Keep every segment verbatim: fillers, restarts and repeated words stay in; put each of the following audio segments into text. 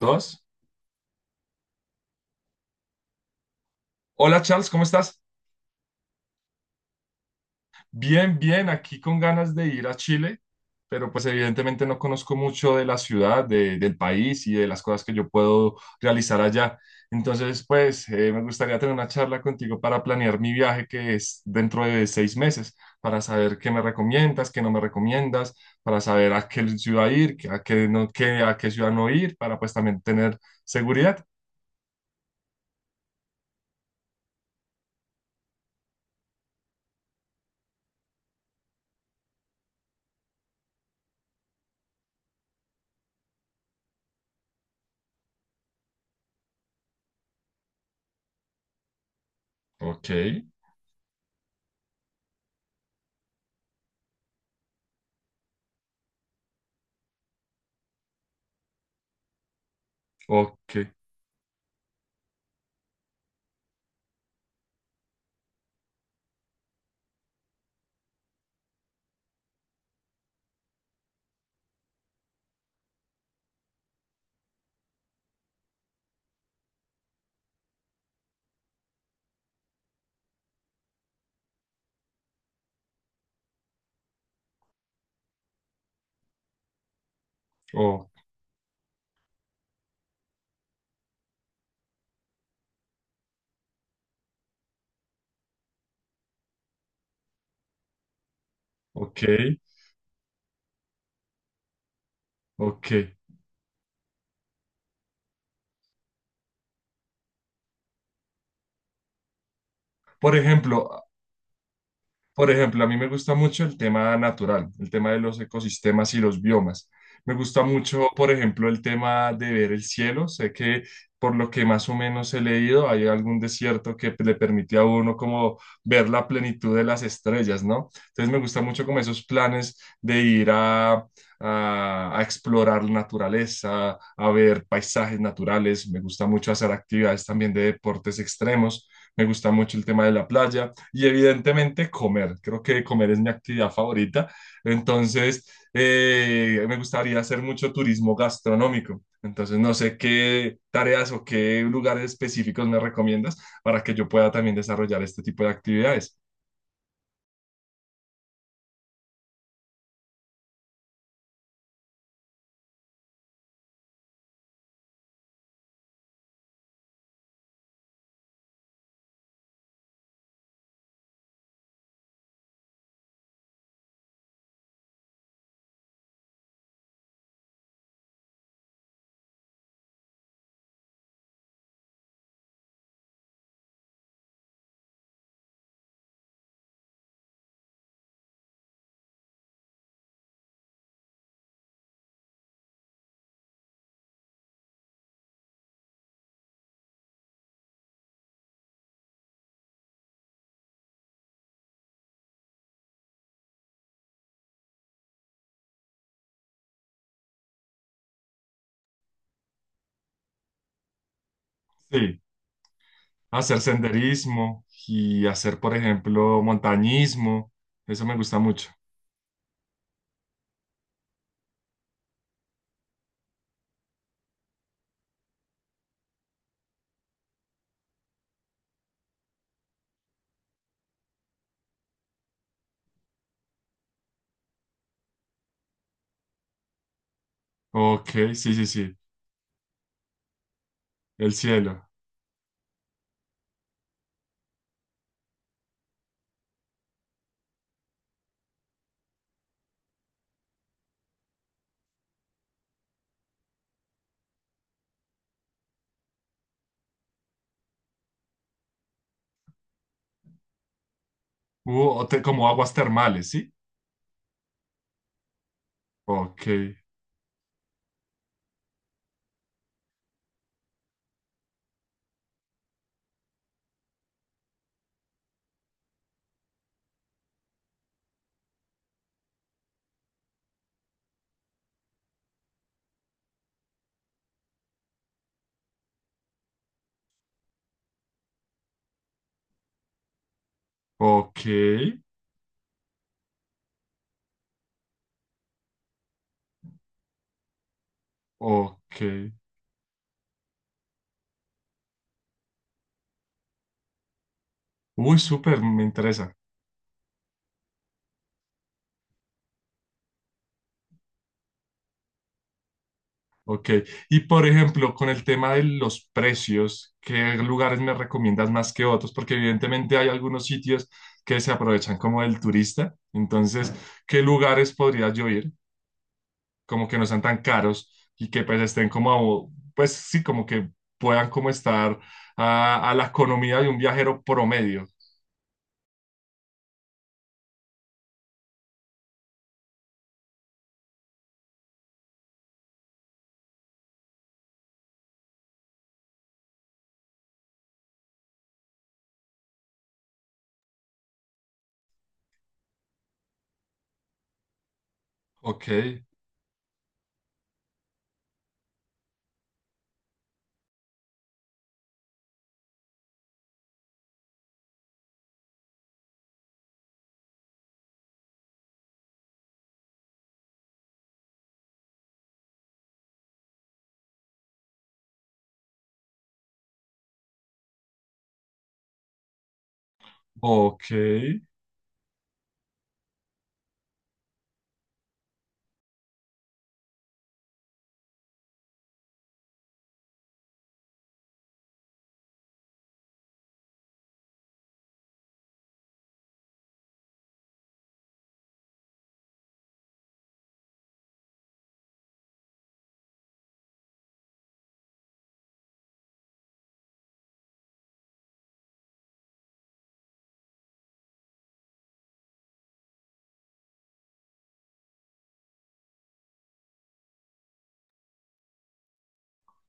Dos. Hola Charles, ¿cómo estás? Bien, bien, aquí con ganas de ir a Chile, pero pues evidentemente no conozco mucho de la ciudad, de- del país y de las cosas que yo puedo realizar allá. Entonces, pues eh, me gustaría tener una charla contigo para planear mi viaje que es dentro de seis meses, para saber qué me recomiendas, qué no me recomiendas, para saber a qué ciudad ir, a qué, no, qué, a qué ciudad no ir, para pues también tener seguridad. Ok, ok, oh, ok, ok. Por ejemplo, por ejemplo, a mí me gusta mucho el tema natural, el tema de los ecosistemas y los biomas. Me gusta mucho, por ejemplo, el tema de ver el cielo. Sé que por lo que más o menos he leído, hay algún desierto que le permite a uno como ver la plenitud de las estrellas, ¿no? Entonces me gusta mucho como esos planes de ir a, a, a explorar la naturaleza, a ver paisajes naturales. Me gusta mucho hacer actividades también de deportes extremos. Me gusta mucho el tema de la playa y evidentemente comer. Creo que comer es mi actividad favorita. Entonces, eh, me gustaría hacer mucho turismo gastronómico. Entonces, no sé qué tareas o qué lugares específicos me recomiendas para que yo pueda también desarrollar este tipo de actividades. Sí, hacer senderismo y hacer, por ejemplo, montañismo. Eso me gusta mucho. Ok, sí, sí, sí. El cielo. Uh, o te- como aguas termales, ¿sí? Ok, ok, ok. Uy, súper, me interesa. Ok. Y por ejemplo, con el tema de los precios, ¿qué lugares me recomiendas más que otros? Porque evidentemente hay algunos sitios que se aprovechan como del turista. Entonces, ¿qué lugares podría yo ir? Como que no sean tan caros y que pues estén como, pues sí, como que puedan como estar a, a la economía de un viajero promedio. Ok, ok,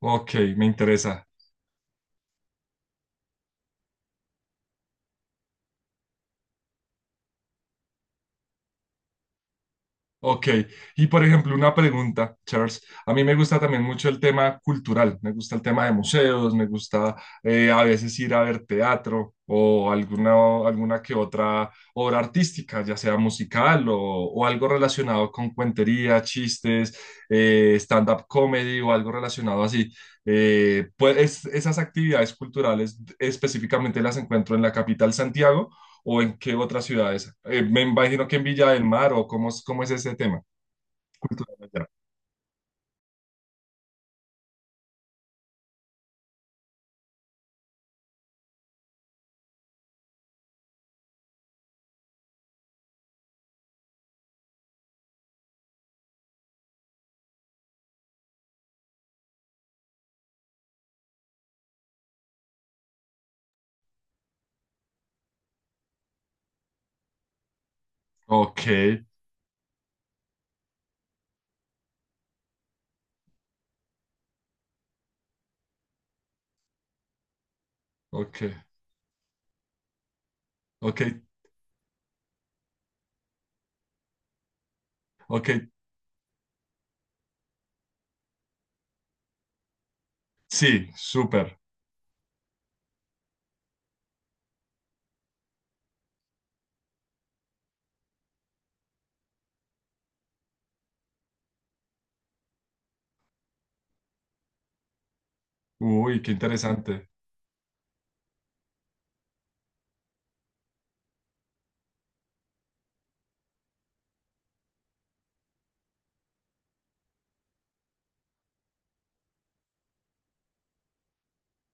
ok, me interesa. Ok, y por ejemplo, una pregunta, Charles. A mí me gusta también mucho el tema cultural, me gusta el tema de museos, me gusta eh, a veces ir a ver teatro o alguna, alguna que otra obra artística, ya sea musical o, o algo relacionado con cuentería, chistes, eh, stand-up comedy o algo relacionado así. Eh, pues es- esas actividades culturales específicamente las encuentro en la capital Santiago o ¿en qué otras ciudades? Eh, me imagino que en Villa del Mar o cómo, es- cómo es ese tema cultural allá. Ok, ok, ok, ok. Sí, súper. Uy, qué interesante.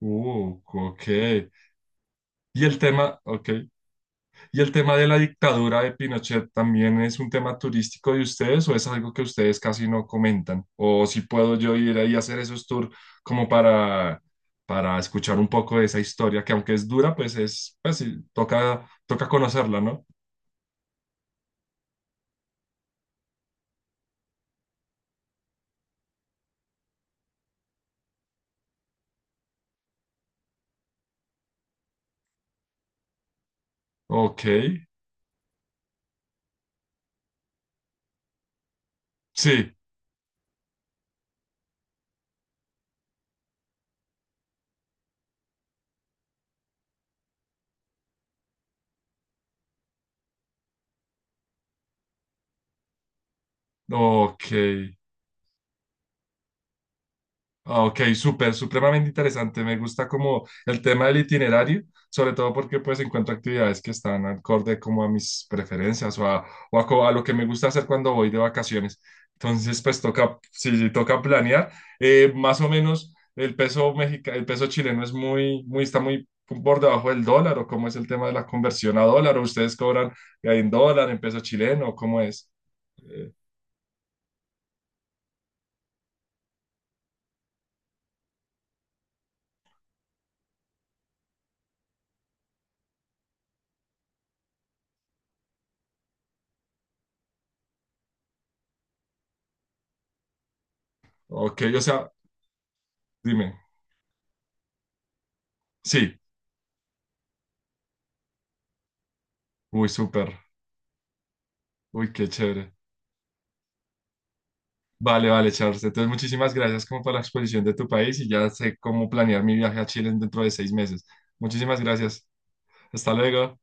Uh, ok. Y el tema, ok. ¿Y el tema de la dictadura de Pinochet también es un tema turístico de ustedes o es algo que ustedes casi no comentan? O si puedo yo ir ahí a hacer esos tours como para, para escuchar un poco de esa historia, que aunque es dura, pues es, pues sí, toca, toca conocerla, ¿no? Ok, sí, ok, ah, ok, súper, supremamente interesante. Me gusta como el tema del itinerario, sobre todo porque pues encuentro actividades que están acorde como a mis preferencias o a, o a, co- a lo que me gusta hacer cuando voy de vacaciones. Entonces, pues toca, sí, sí, toca planear. Eh, más o menos el peso mexica, el peso chileno es muy, muy, está muy por debajo del dólar o ¿cómo es el tema de la conversión a dólar o ustedes cobran en dólar, en peso chileno, cómo es? Eh, ok, o sea, dime. Sí, uy, súper, uy, qué chévere. Vale, vale, Charles. Entonces, muchísimas gracias como por la exposición de tu país y ya sé cómo planear mi viaje a Chile dentro de seis meses. Muchísimas gracias. Hasta luego.